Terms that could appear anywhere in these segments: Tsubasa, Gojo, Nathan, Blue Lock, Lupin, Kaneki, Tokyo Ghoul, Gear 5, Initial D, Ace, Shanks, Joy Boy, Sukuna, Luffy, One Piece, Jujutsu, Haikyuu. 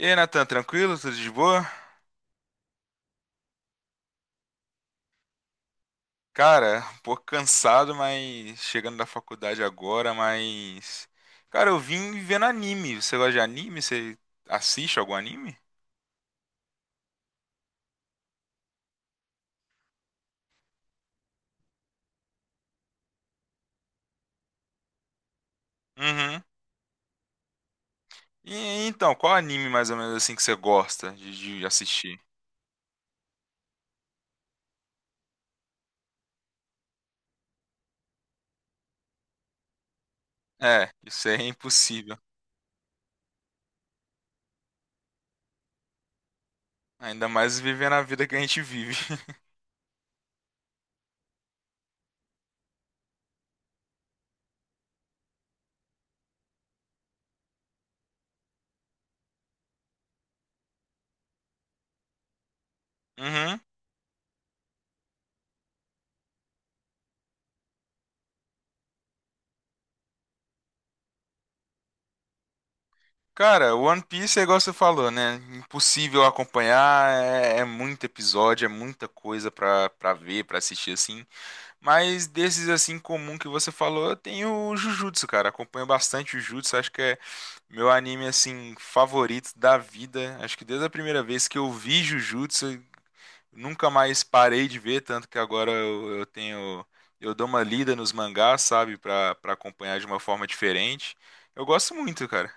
E aí, Nathan, tranquilo? Tudo de boa? Cara, um pouco cansado, mas chegando da faculdade agora, mas. Cara, eu vim vendo anime. Você gosta de anime? Você assiste algum anime? Uhum. E então, qual anime mais ou menos assim que você gosta de assistir? É, isso é impossível. Ainda mais vivendo a vida que a gente vive. Uhum. Cara, One Piece é igual você falou, né? Impossível acompanhar, é muito episódio, é muita coisa pra ver, pra assistir assim. Mas desses assim comum que você falou, eu tenho o Jujutsu, cara. Acompanho bastante o Jujutsu, acho que é meu anime assim favorito da vida. Acho que desde a primeira vez que eu vi Jujutsu, nunca mais parei de ver, tanto que agora eu tenho eu dou uma lida nos mangás, sabe, Pra para acompanhar de uma forma diferente. Eu gosto muito, cara.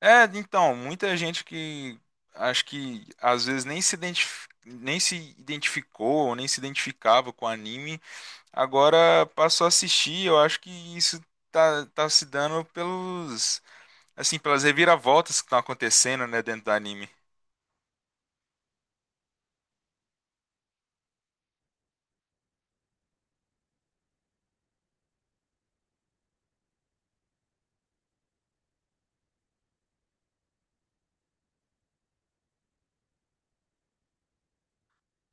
É, então, muita gente que acho que às vezes nem se identif- nem se identificou ou nem se identificava com o anime. Agora passo a assistir, eu acho que isso tá se dando pelos, assim, pelas reviravoltas que estão acontecendo, né, dentro do anime.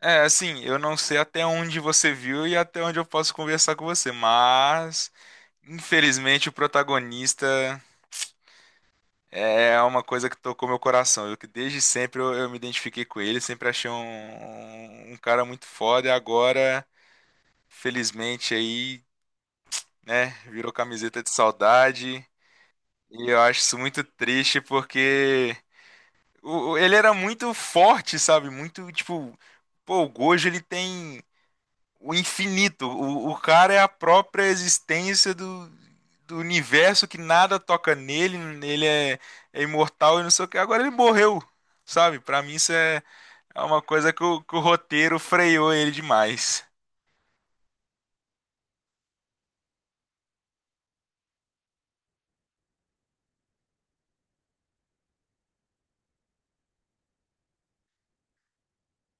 É, assim, eu não sei até onde você viu e até onde eu posso conversar com você, mas infelizmente o protagonista é uma coisa que tocou meu coração. Eu que desde sempre eu me identifiquei com ele, sempre achei um cara muito foda e agora, felizmente aí, né, virou camiseta de saudade. E eu acho isso muito triste porque ele era muito forte, sabe? Muito, tipo, pô, o Gojo ele tem o infinito. O cara é a própria existência do, do universo que nada toca nele, ele é, é imortal e não sei o que. Agora ele morreu, sabe? Pra mim isso é, é uma coisa que o roteiro freou ele demais,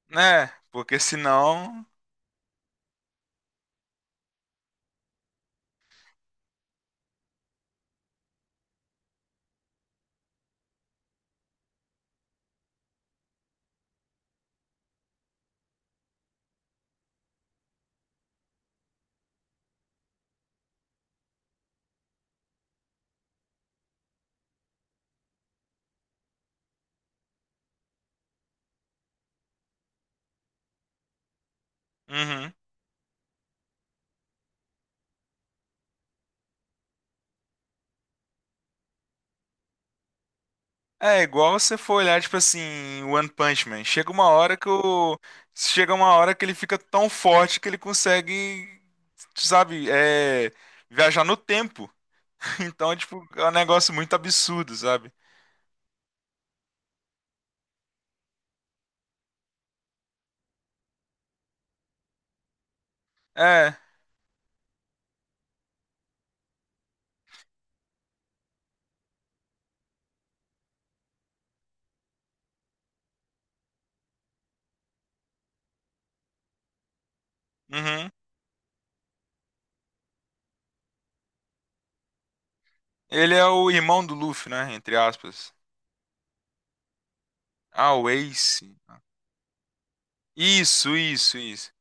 né? Porque senão. Uhum. É igual você for olhar, tipo assim, One Punch Man. Chega uma hora que o. Chega uma hora que ele fica tão forte que ele consegue, sabe, é, viajar no tempo. Então, tipo, é um negócio muito absurdo, sabe? É. Uhum. Ele é o irmão do Luffy, né? Entre aspas. Ah, o Ace. Isso, isso, isso.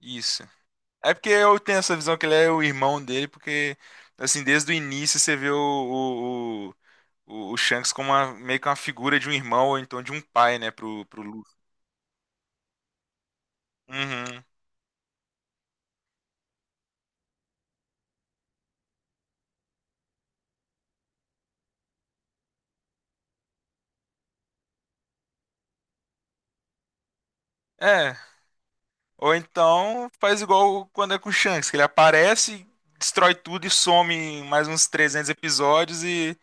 Isso. É porque eu tenho essa visão que ele é o irmão dele, porque, assim, desde o início você vê o Shanks como uma, meio que uma figura de um irmão ou então de um pai, né, pro Luffy. Uhum. É. Ou então faz igual quando é com o Shanks, que ele aparece, destrói tudo e some em mais uns 300 episódios e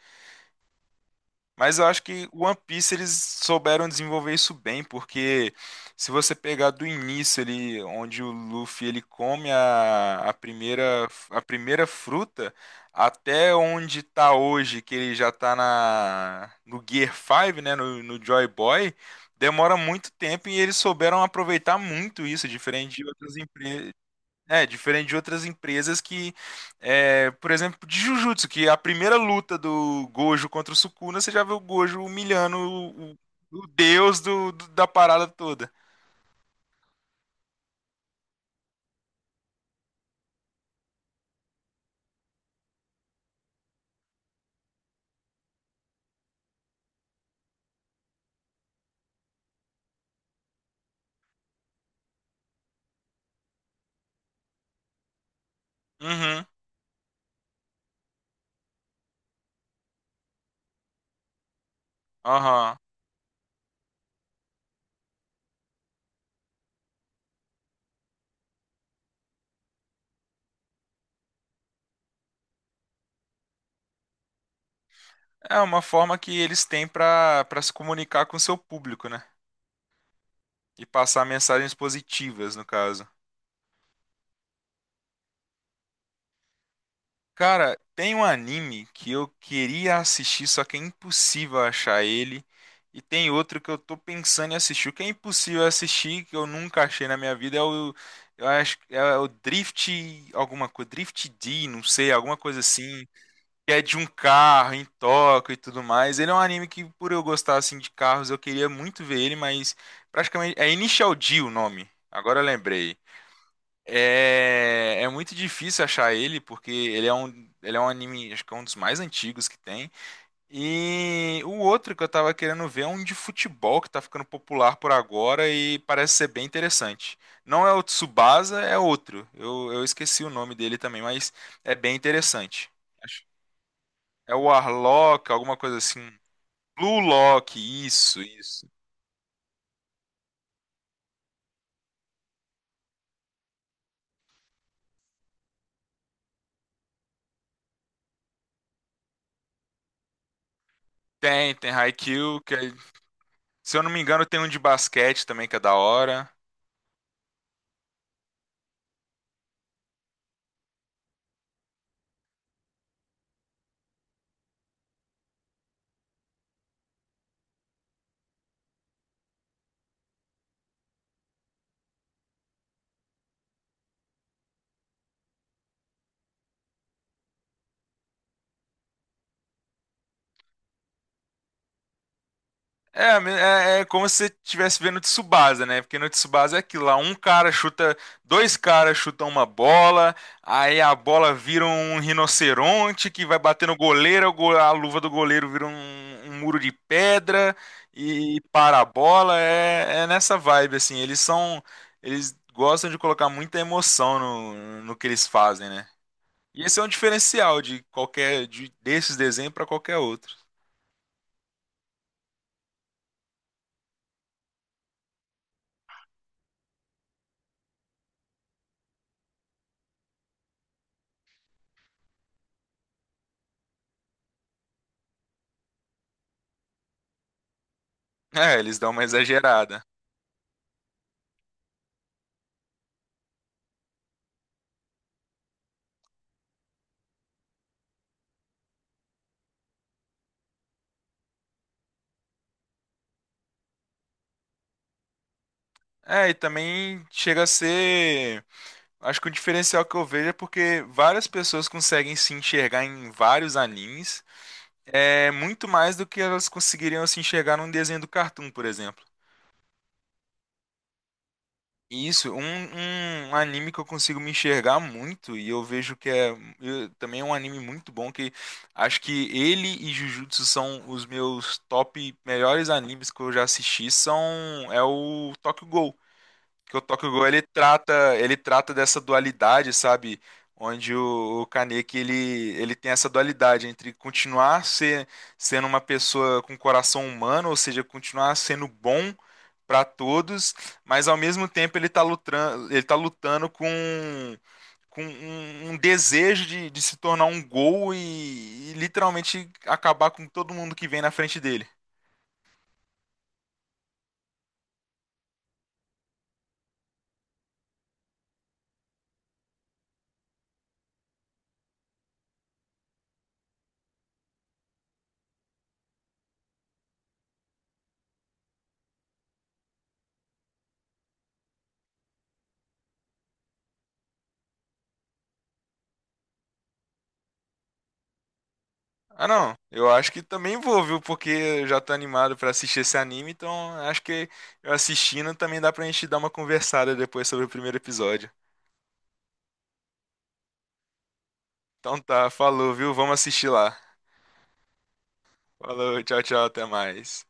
mas eu acho que One Piece eles souberam desenvolver isso bem, porque se você pegar do início ali, onde o Luffy ele come a primeira fruta, até onde tá hoje, que ele já tá na, no Gear 5, né, no, no Joy Boy, demora muito tempo e eles souberam aproveitar muito isso, diferente de outras, é, diferente de outras empresas que, é, por exemplo, de Jujutsu, que a primeira luta do Gojo contra o Sukuna, você já vê o Gojo humilhando o deus da parada toda. Uhum, aham. É uma forma que eles têm pra para se comunicar com o seu público, né? E passar mensagens positivas, no caso. Cara, tem um anime que eu queria assistir, só que é impossível achar ele. E tem outro que eu tô pensando em assistir. O que é impossível assistir, que eu nunca achei na minha vida, é o. Eu acho que é o Drift. Alguma coisa. Drift D, não sei, alguma coisa assim. Que é de um carro em Tóquio e tudo mais. Ele é um anime que, por eu gostar assim de carros, eu queria muito ver ele, mas praticamente. É Initial D o nome. Agora eu lembrei. É, é muito difícil achar ele, porque ele é um anime, acho que é um dos mais antigos que tem. E o outro que eu tava querendo ver é um de futebol que tá ficando popular por agora e parece ser bem interessante. Não é o Tsubasa, é outro. Eu esqueci o nome dele também, mas é bem interessante. Acho- é o Arlock, alguma coisa assim. Blue Lock, isso, isso. Tem, tem Haikyuu, que é, se eu não me engano tem um de basquete também que é da hora. É, me- é, é como se você estivesse vendo Tsubasa, né? Porque no Tsubasa é aquilo lá, um cara chuta, dois caras chutam uma bola, aí a bola vira um rinoceronte que vai bater no goleiro, o go- a luva do goleiro vira um, um muro de pedra e, para a bola. É, é nessa vibe, assim. Eles são, eles gostam de colocar muita emoção no que eles fazem, né? E esse é um diferencial de qualquer, de, desses desenhos para qualquer outro. É, eles dão uma exagerada. É, e também chega a ser. Acho que o diferencial que eu vejo é porque várias pessoas conseguem se enxergar em vários animes, é muito mais do que elas conseguiriam se enxergar num desenho do Cartoon, por exemplo. E isso, um anime que eu consigo me enxergar muito, e eu vejo que é eu- também é um anime muito bom, que acho que ele e Jujutsu são os meus top melhores animes que eu já assisti, são é o Tokyo Ghoul. Que o Tokyo Ghoul ele trata dessa dualidade, sabe? Onde o Kaneki ele, ele tem essa dualidade entre continuar ser, sendo uma pessoa com coração humano, ou seja, continuar sendo bom para todos, mas ao mesmo tempo ele tá lutando com um, um desejo de se tornar um gol e literalmente acabar com todo mundo que vem na frente dele. Ah, não, eu acho que também vou, viu? Porque eu já tô animado pra assistir esse anime, então acho que eu assistindo também dá pra gente dar uma conversada depois sobre o primeiro episódio. Então tá, falou, viu? Vamos assistir lá. Falou, tchau, tchau, até mais.